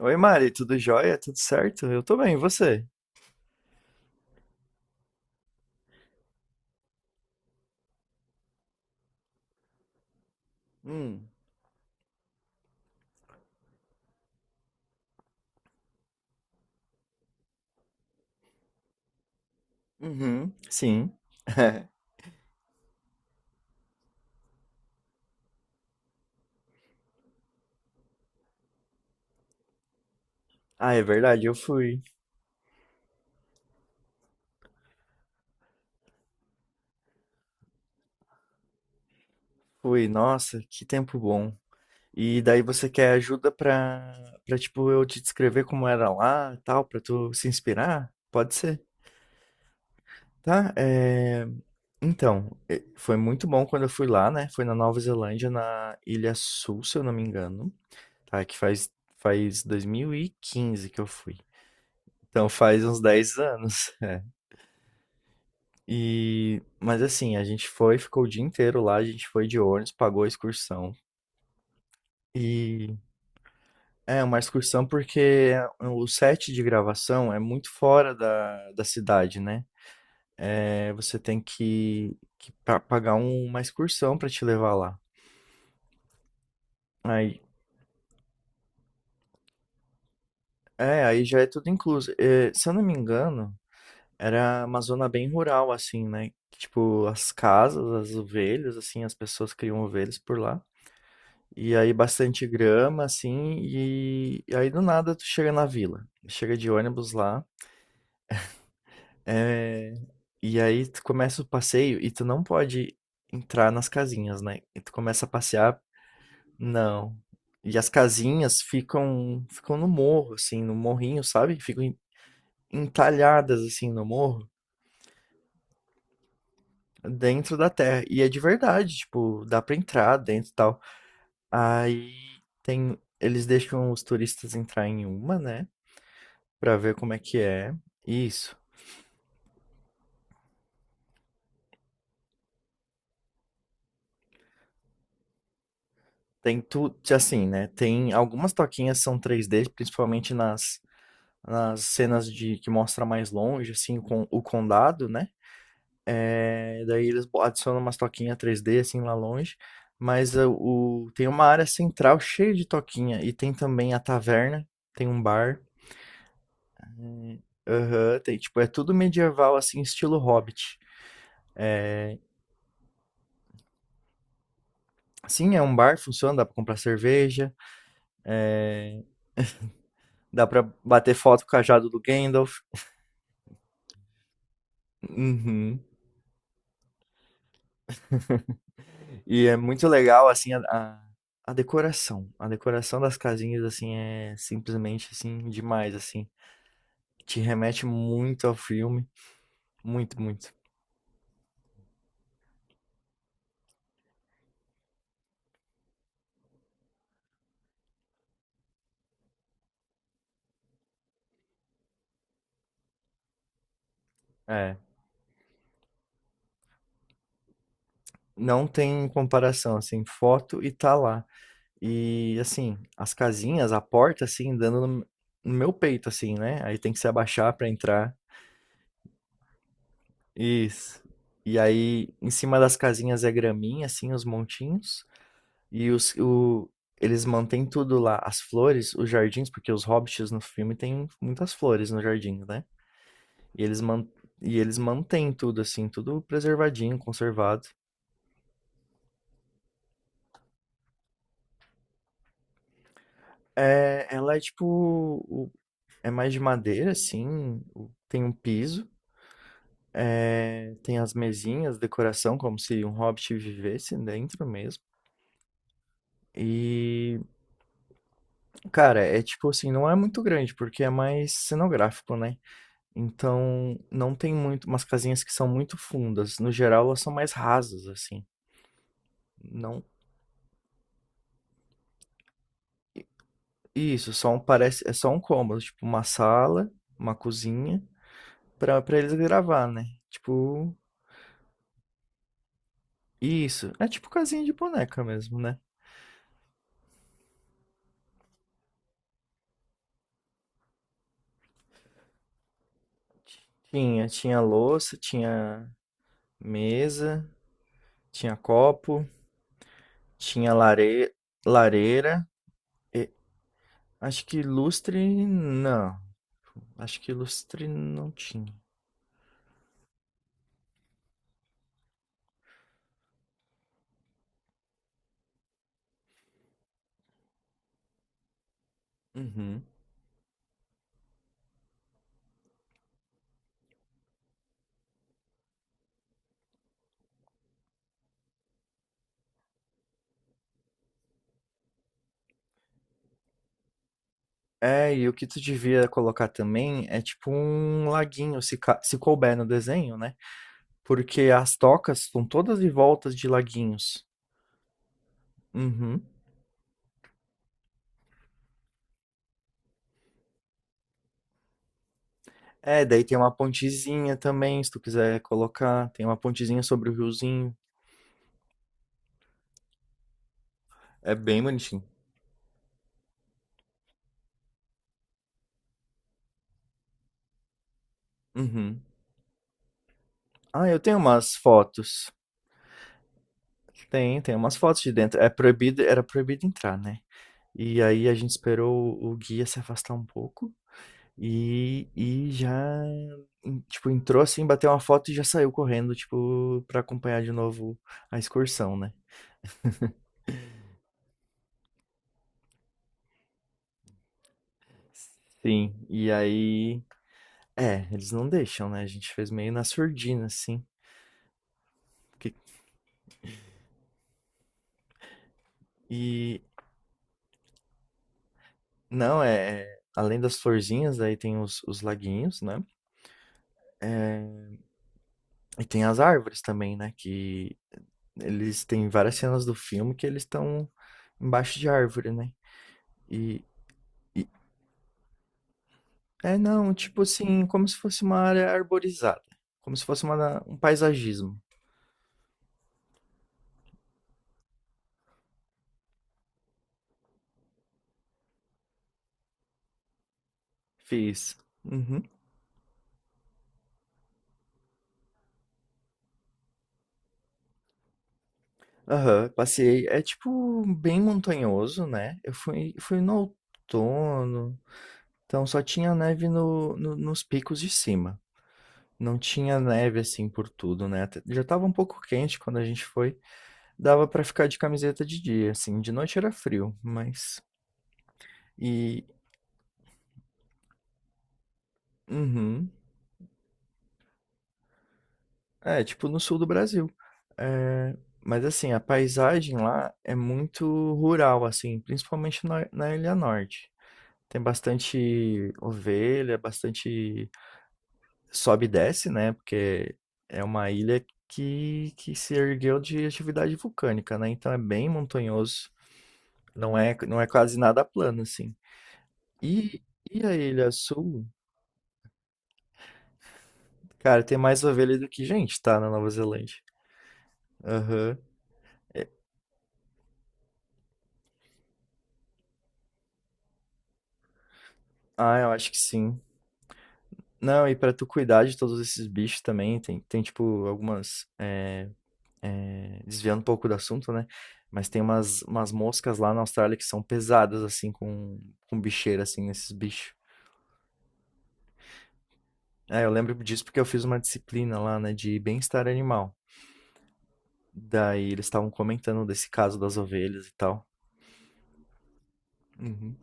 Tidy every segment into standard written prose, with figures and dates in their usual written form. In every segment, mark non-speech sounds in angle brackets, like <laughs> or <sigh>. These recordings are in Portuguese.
Oi, Mari, tudo jóia? Tudo certo? Eu tô bem, e você? Hum, Uhum, sim. <laughs> Ah, é verdade, eu fui. Fui, nossa, que tempo bom. E daí você quer ajuda pra, pra tipo, eu te descrever como era lá, e tal, pra tu se inspirar? Pode ser, tá? Então, foi muito bom quando eu fui lá, né? Foi na Nova Zelândia, na Ilha Sul, se eu não me engano, tá? Que faz 2015 que eu fui. Então faz uns 10 anos. <laughs> E, mas assim, a gente foi, ficou o dia inteiro lá, a gente foi de ônibus, pagou a excursão. E é uma excursão porque o set de gravação é muito fora da cidade, né? É, você tem que pagar uma excursão pra te levar lá. Aí, é, aí já é tudo incluso. É, se eu não me engano, era uma zona bem rural, assim, né? Tipo, as casas, as ovelhas, assim, as pessoas criam ovelhas por lá. E aí bastante grama, assim, e aí do nada tu chega na vila. Chega de ônibus lá, é, e aí tu começa o passeio e tu não pode entrar nas casinhas, né? E tu começa a passear, não. E as casinhas ficam no morro, assim, no morrinho, sabe? Ficam entalhadas assim no morro, dentro da terra. E é de verdade, tipo, dá pra entrar dentro e tal. Aí tem, eles deixam os turistas entrar em uma, né? Pra ver como é que é. Isso. Tem tudo, assim, né? Tem algumas toquinhas são 3D, principalmente nas cenas de que mostra mais longe, assim, com o condado, né? É, daí eles adicionam umas toquinhas 3D assim lá longe, mas é, o tem uma área central cheia de toquinha e tem também a taverna, tem um bar. Aham, tem, tipo, é tudo medieval assim, estilo Hobbit. Sim, é um bar, funciona, dá pra comprar cerveja, dá pra bater foto com o cajado do Gandalf. Uhum. E é muito legal, assim, a decoração. A decoração das casinhas, assim, é simplesmente, assim, demais, assim. Te remete muito ao filme. Muito, muito. É. Não tem comparação, assim, foto e tá lá. E, assim, as casinhas, a porta, assim, dando no meu peito, assim, né? Aí tem que se abaixar pra entrar. Isso. E aí, em cima das casinhas é graminha, assim, os montinhos. E os, o, Eles mantêm tudo lá, as flores, os jardins, porque os hobbits no filme têm muitas flores no jardim, né? E eles, man, e eles mantêm tudo, assim, tudo preservadinho, conservado. É, ela é tipo. É mais de madeira, assim. Tem um piso. É, tem as mesinhas, decoração, como se um hobbit vivesse dentro mesmo. E, cara, é tipo assim, não é muito grande, porque é mais cenográfico, né? Então, não tem muito umas casinhas que são muito fundas. No geral, elas são mais rasas, assim. Não. Isso, só um parece, é só um cômodo, tipo uma sala, uma cozinha pra para eles gravar, né? Tipo, isso. É tipo casinha de boneca mesmo, né? Tinha louça, tinha mesa, tinha copo, tinha lare, lareira. e- Acho que lustre não. Acho que lustre não tinha. Uhum. É, e o que tu devia colocar também é tipo um laguinho, se couber no desenho, né? Porque as tocas são todas em voltas de laguinhos. Uhum. É, daí tem uma pontezinha também, se tu quiser colocar. Tem uma pontezinha sobre o riozinho. É bem bonitinho. Uhum. Ah, eu tenho umas fotos. Tem umas fotos de dentro. Era proibido entrar, né? E aí a gente esperou o guia se afastar um pouco. E, e já, tipo, entrou assim, bateu uma foto e já saiu correndo, tipo, pra acompanhar de novo a excursão, né? Sim, e aí. É, eles não deixam, né? A gente fez meio na surdina, assim. porque- E. Não, é. Além das florzinhas, aí tem os laguinhos, né? E tem as árvores também, né? Que eles têm várias cenas do filme que eles estão embaixo de árvore, né? E. É, não, tipo assim, como se fosse uma área arborizada, como se fosse um paisagismo. Fiz. Uhum. Aham, passei. É tipo bem montanhoso, né? Fui no outono, então só tinha neve nos picos de cima. Não tinha neve assim por tudo, né? Até- Já tava um pouco quente quando a gente foi. Dava pra ficar de camiseta de dia, assim. De noite era frio, mas. E. Uhum. É, tipo no sul do Brasil. É, mas assim, a paisagem lá é muito rural, assim, principalmente na Ilha Norte. Tem bastante ovelha, bastante sobe e desce, né? Porque é uma ilha que se ergueu de atividade vulcânica, né? Então é bem montanhoso, não é quase nada plano, assim. E, e a Ilha Sul, cara, tem mais ovelha do que gente, tá? Na Nova Zelândia. Aham. Ah, eu acho que sim. Não, e pra tu cuidar de todos esses bichos também, tem tipo algumas. Desviando um pouco do assunto, né? Mas tem umas moscas lá na Austrália que são pesadas, assim, com bicheira, assim, esses bichos. É, eu lembro disso porque eu fiz uma disciplina lá, né, de bem-estar animal. Daí eles estavam comentando desse caso das ovelhas e tal. Uhum.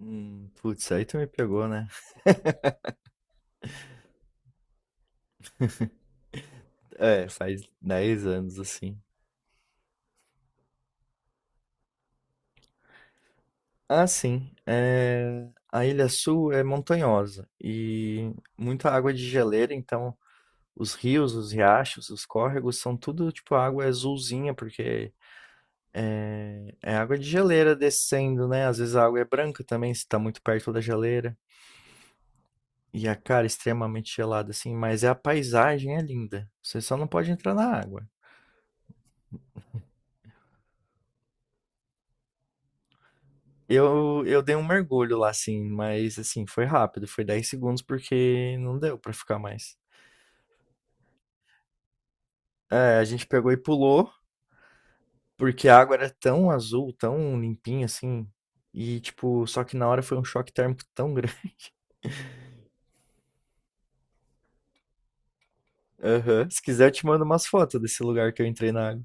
Putz, aí tu me pegou, né? É, faz 10 anos, assim. Ah, sim. É, a Ilha Sul é montanhosa e muita água de geleira, então os rios, os riachos, os córregos são tudo tipo água azulzinha, porque é água de geleira descendo, né? Às vezes a água é branca também, se tá muito perto da geleira. E a cara é extremamente gelada, assim, mas a paisagem é linda. Você só não pode entrar na água. Eu dei um mergulho lá, assim, mas assim, foi rápido, foi 10 segundos porque não deu pra ficar mais. É, a gente pegou e pulou. Porque a água era tão azul, tão limpinha, assim, e tipo, só que na hora foi um choque térmico tão grande. <laughs> Aham. Se quiser, eu te mando umas fotos desse lugar que eu entrei na água.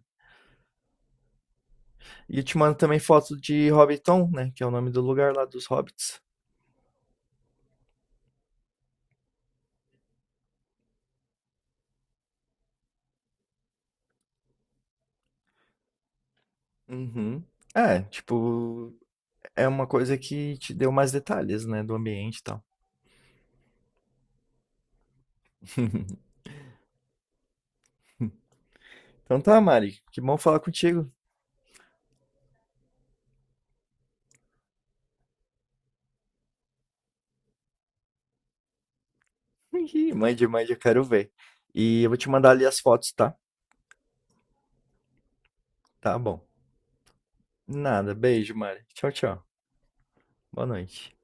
E eu te mando também foto de Hobbiton, né, que é o nome do lugar lá dos hobbits. Uhum. É, tipo, é uma coisa que te deu mais detalhes, né, do ambiente e tal. <laughs> Então tá, Mari, que bom falar contigo. <laughs> Ih, mande, mande, eu quero ver. E eu vou te mandar ali as fotos, tá? Tá bom. Nada, beijo, Mari. Tchau, tchau. Boa noite.